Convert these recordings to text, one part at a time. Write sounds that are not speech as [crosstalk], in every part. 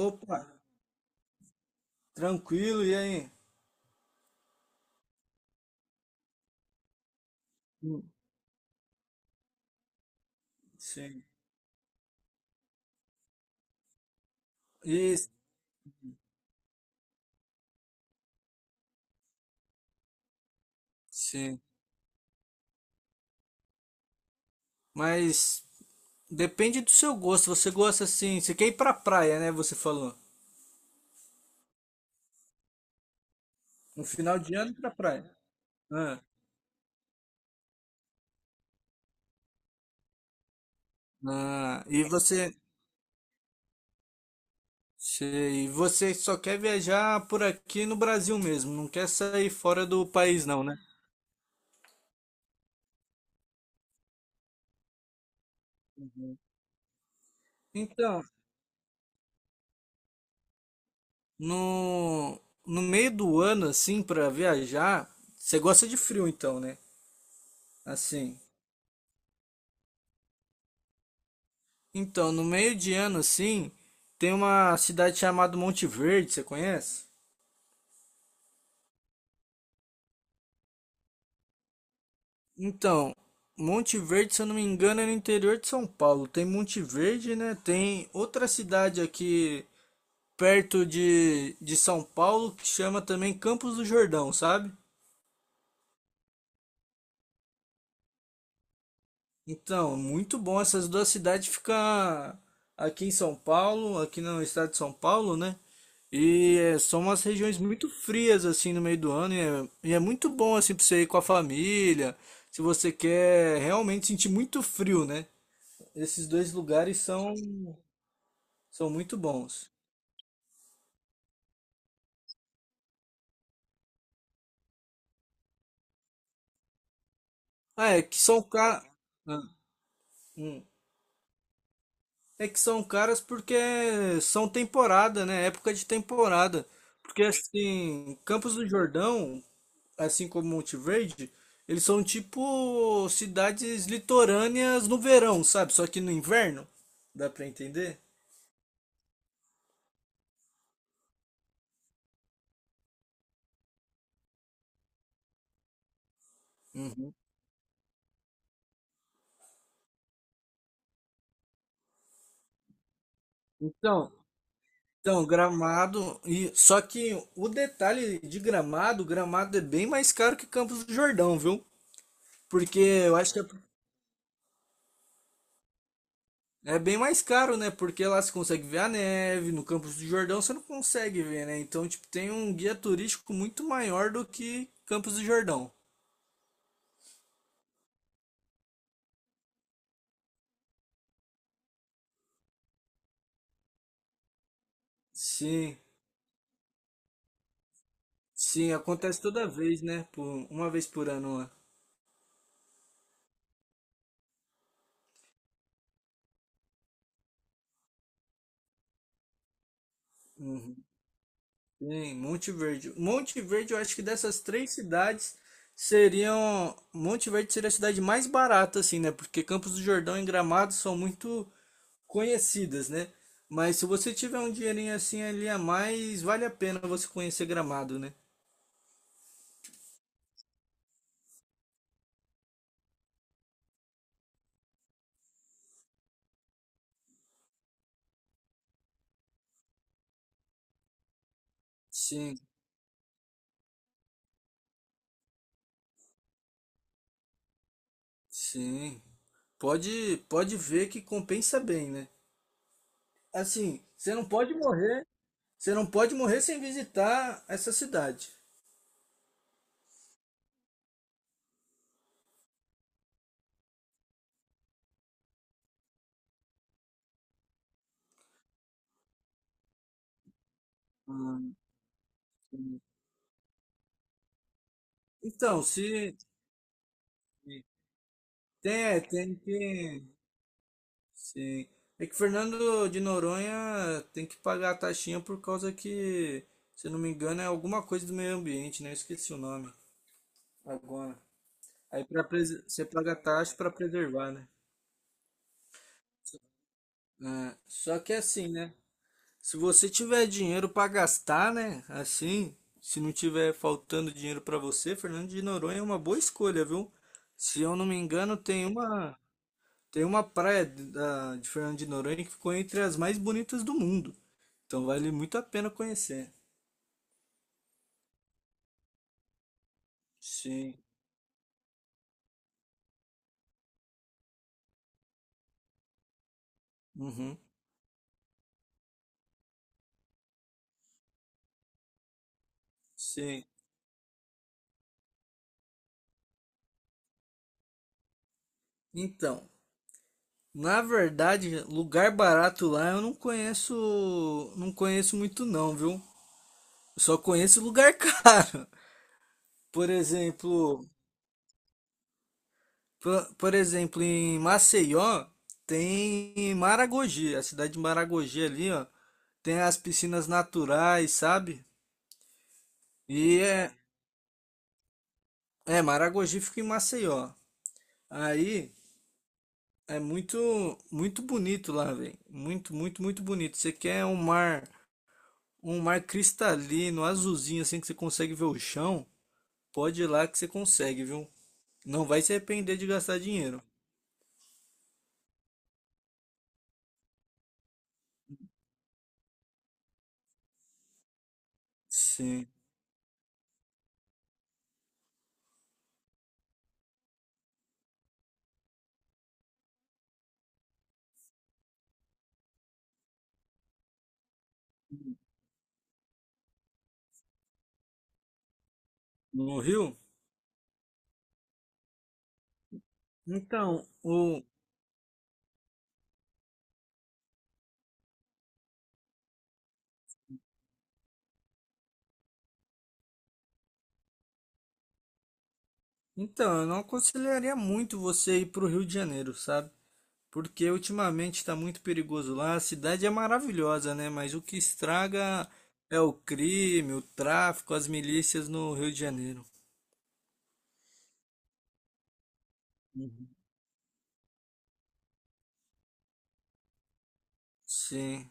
Opa, tranquilo, e aí? Hum. Sim. Isso, sim. Mas depende do seu gosto. Você gosta assim, você quer ir pra praia, né? Você falou. No final de ano pra praia. Ah, ah, e você, sei, e você só quer viajar por aqui no Brasil mesmo, não quer sair fora do país não, né? Então, no, no meio do ano assim pra viajar, você gosta de frio então, né? Assim, então, no meio de ano, assim, tem uma cidade chamada Monte Verde, você conhece? Então, Monte Verde, se eu não me engano, é no interior de São Paulo. Tem Monte Verde, né? Tem outra cidade aqui perto de São Paulo que chama também Campos do Jordão, sabe? Então, muito bom essas duas cidades ficar aqui em São Paulo, aqui no estado de São Paulo, né? E é, são umas regiões muito frias assim no meio do ano e é muito bom assim para você ir com a família, se você quer realmente sentir muito frio, né? Esses dois lugares são muito bons. Ah, é que são caros. É que são caras porque são temporada, né? Época de temporada. Porque assim, Campos do Jordão, assim como Monte Verde, eles são tipo cidades litorâneas no verão, sabe? Só que no inverno, dá pra entender? Uhum. Então, então Gramado, e só que o detalhe de Gramado, Gramado é bem mais caro que Campos do Jordão, viu? Porque eu acho que é é bem mais caro, né? Porque lá você consegue ver a neve, no Campos do Jordão você não consegue ver, né? Então, tipo, tem um guia turístico muito maior do que Campos do Jordão. Sim, sim, acontece toda vez, né? Por, uma vez por ano lá. Uhum. Sim, Monte Verde. Monte Verde, eu acho que dessas três cidades seriam. Monte Verde seria a cidade mais barata, assim, né? Porque Campos do Jordão e Gramado são muito conhecidas, né? Mas se você tiver um dinheirinho assim ali a mais, vale a pena você conhecer Gramado, né? Sim, sim. Pode ver que compensa bem, né? Assim, você não pode morrer, você não pode morrer sem visitar essa cidade. Ah, sim. Então, se tem, é, tem que, sim. É que Fernando de Noronha tem que pagar a taxinha por causa que, se eu não me engano, é alguma coisa do meio ambiente, né? Eu esqueci o nome agora. Aí você paga taxa para preservar, né? Ah, só que é assim, né? Se você tiver dinheiro para gastar, né? Assim, se não tiver faltando dinheiro para você, Fernando de Noronha é uma boa escolha, viu? Se eu não me engano, tem uma praia de Fernando de Noronha que ficou entre as mais bonitas do mundo. Então vale muito a pena conhecer. Sim. Uhum. Sim. Então, na verdade, lugar barato lá eu não conheço, não conheço muito não, viu? Eu só conheço lugar caro. [laughs] Por exemplo, por exemplo, em Maceió tem Maragogi, a cidade de Maragogi ali, ó, tem as piscinas naturais, sabe? E é, é Maragogi fica em Maceió. Aí é muito, muito bonito lá, velho. Muito, muito, muito bonito. Você quer um mar, um mar cristalino, azulzinho, assim que você consegue ver o chão. Pode ir lá que você consegue, viu? Não vai se arrepender de gastar dinheiro. Sim. No Rio? Então, o... então, eu não aconselharia muito você ir pro Rio de Janeiro, sabe? Porque ultimamente está muito perigoso lá. A cidade é maravilhosa, né? Mas o que estraga é o crime, o tráfico, as milícias no Rio de Janeiro. Uhum. Sim,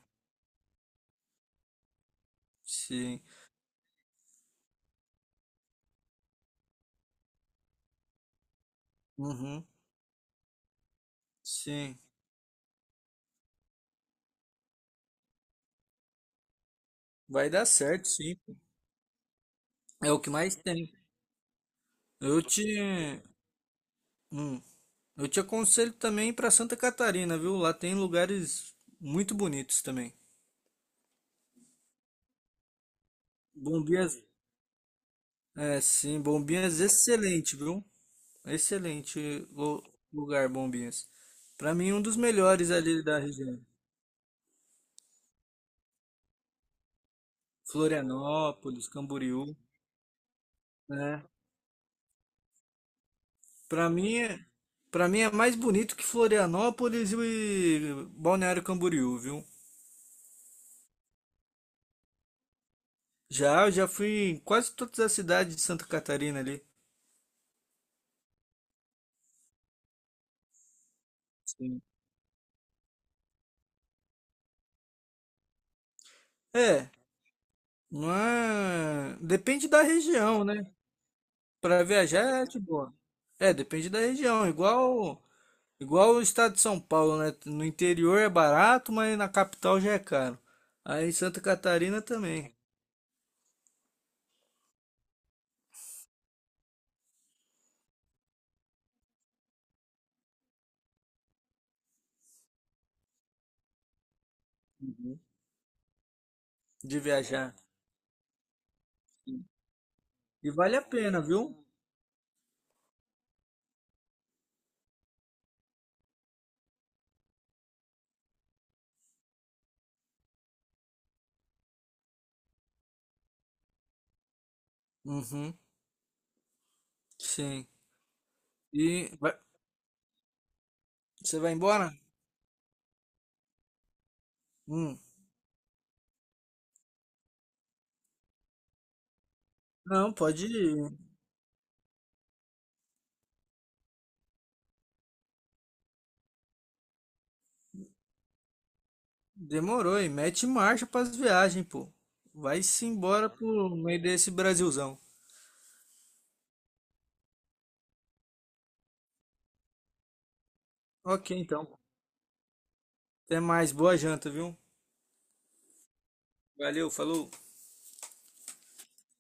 sim. Uhum, sim. Vai dar certo, sim. É o que mais tem. Eu te, hum, eu te aconselho também para Santa Catarina, viu? Lá tem lugares muito bonitos também. Bombinhas, é sim, Bombinhas excelente, viu? Excelente lu- lugar, Bombinhas. Para mim um dos melhores ali da região. Florianópolis, Camboriú, né? Para mim, para mim é mais bonito que Florianópolis e Balneário Camboriú, viu? Já, eu já fui em quase todas as cidades de Santa Catarina ali. Sim. É, não é. Depende da região, né? Para viajar é de boa. É, depende da região. Igual, igual o estado de São Paulo, né? No interior é barato, mas na capital já é caro. Aí em Santa Catarina também, uhum, de viajar. E vale a pena, viu? Uhum, sim. E vai- você vai embora? Hum. Não, pode ir. Demorou, e mete marcha para as viagens, pô. Vai-se embora pro meio desse Brasilzão. Ok, então. Até mais. Boa janta, viu? Valeu, falou.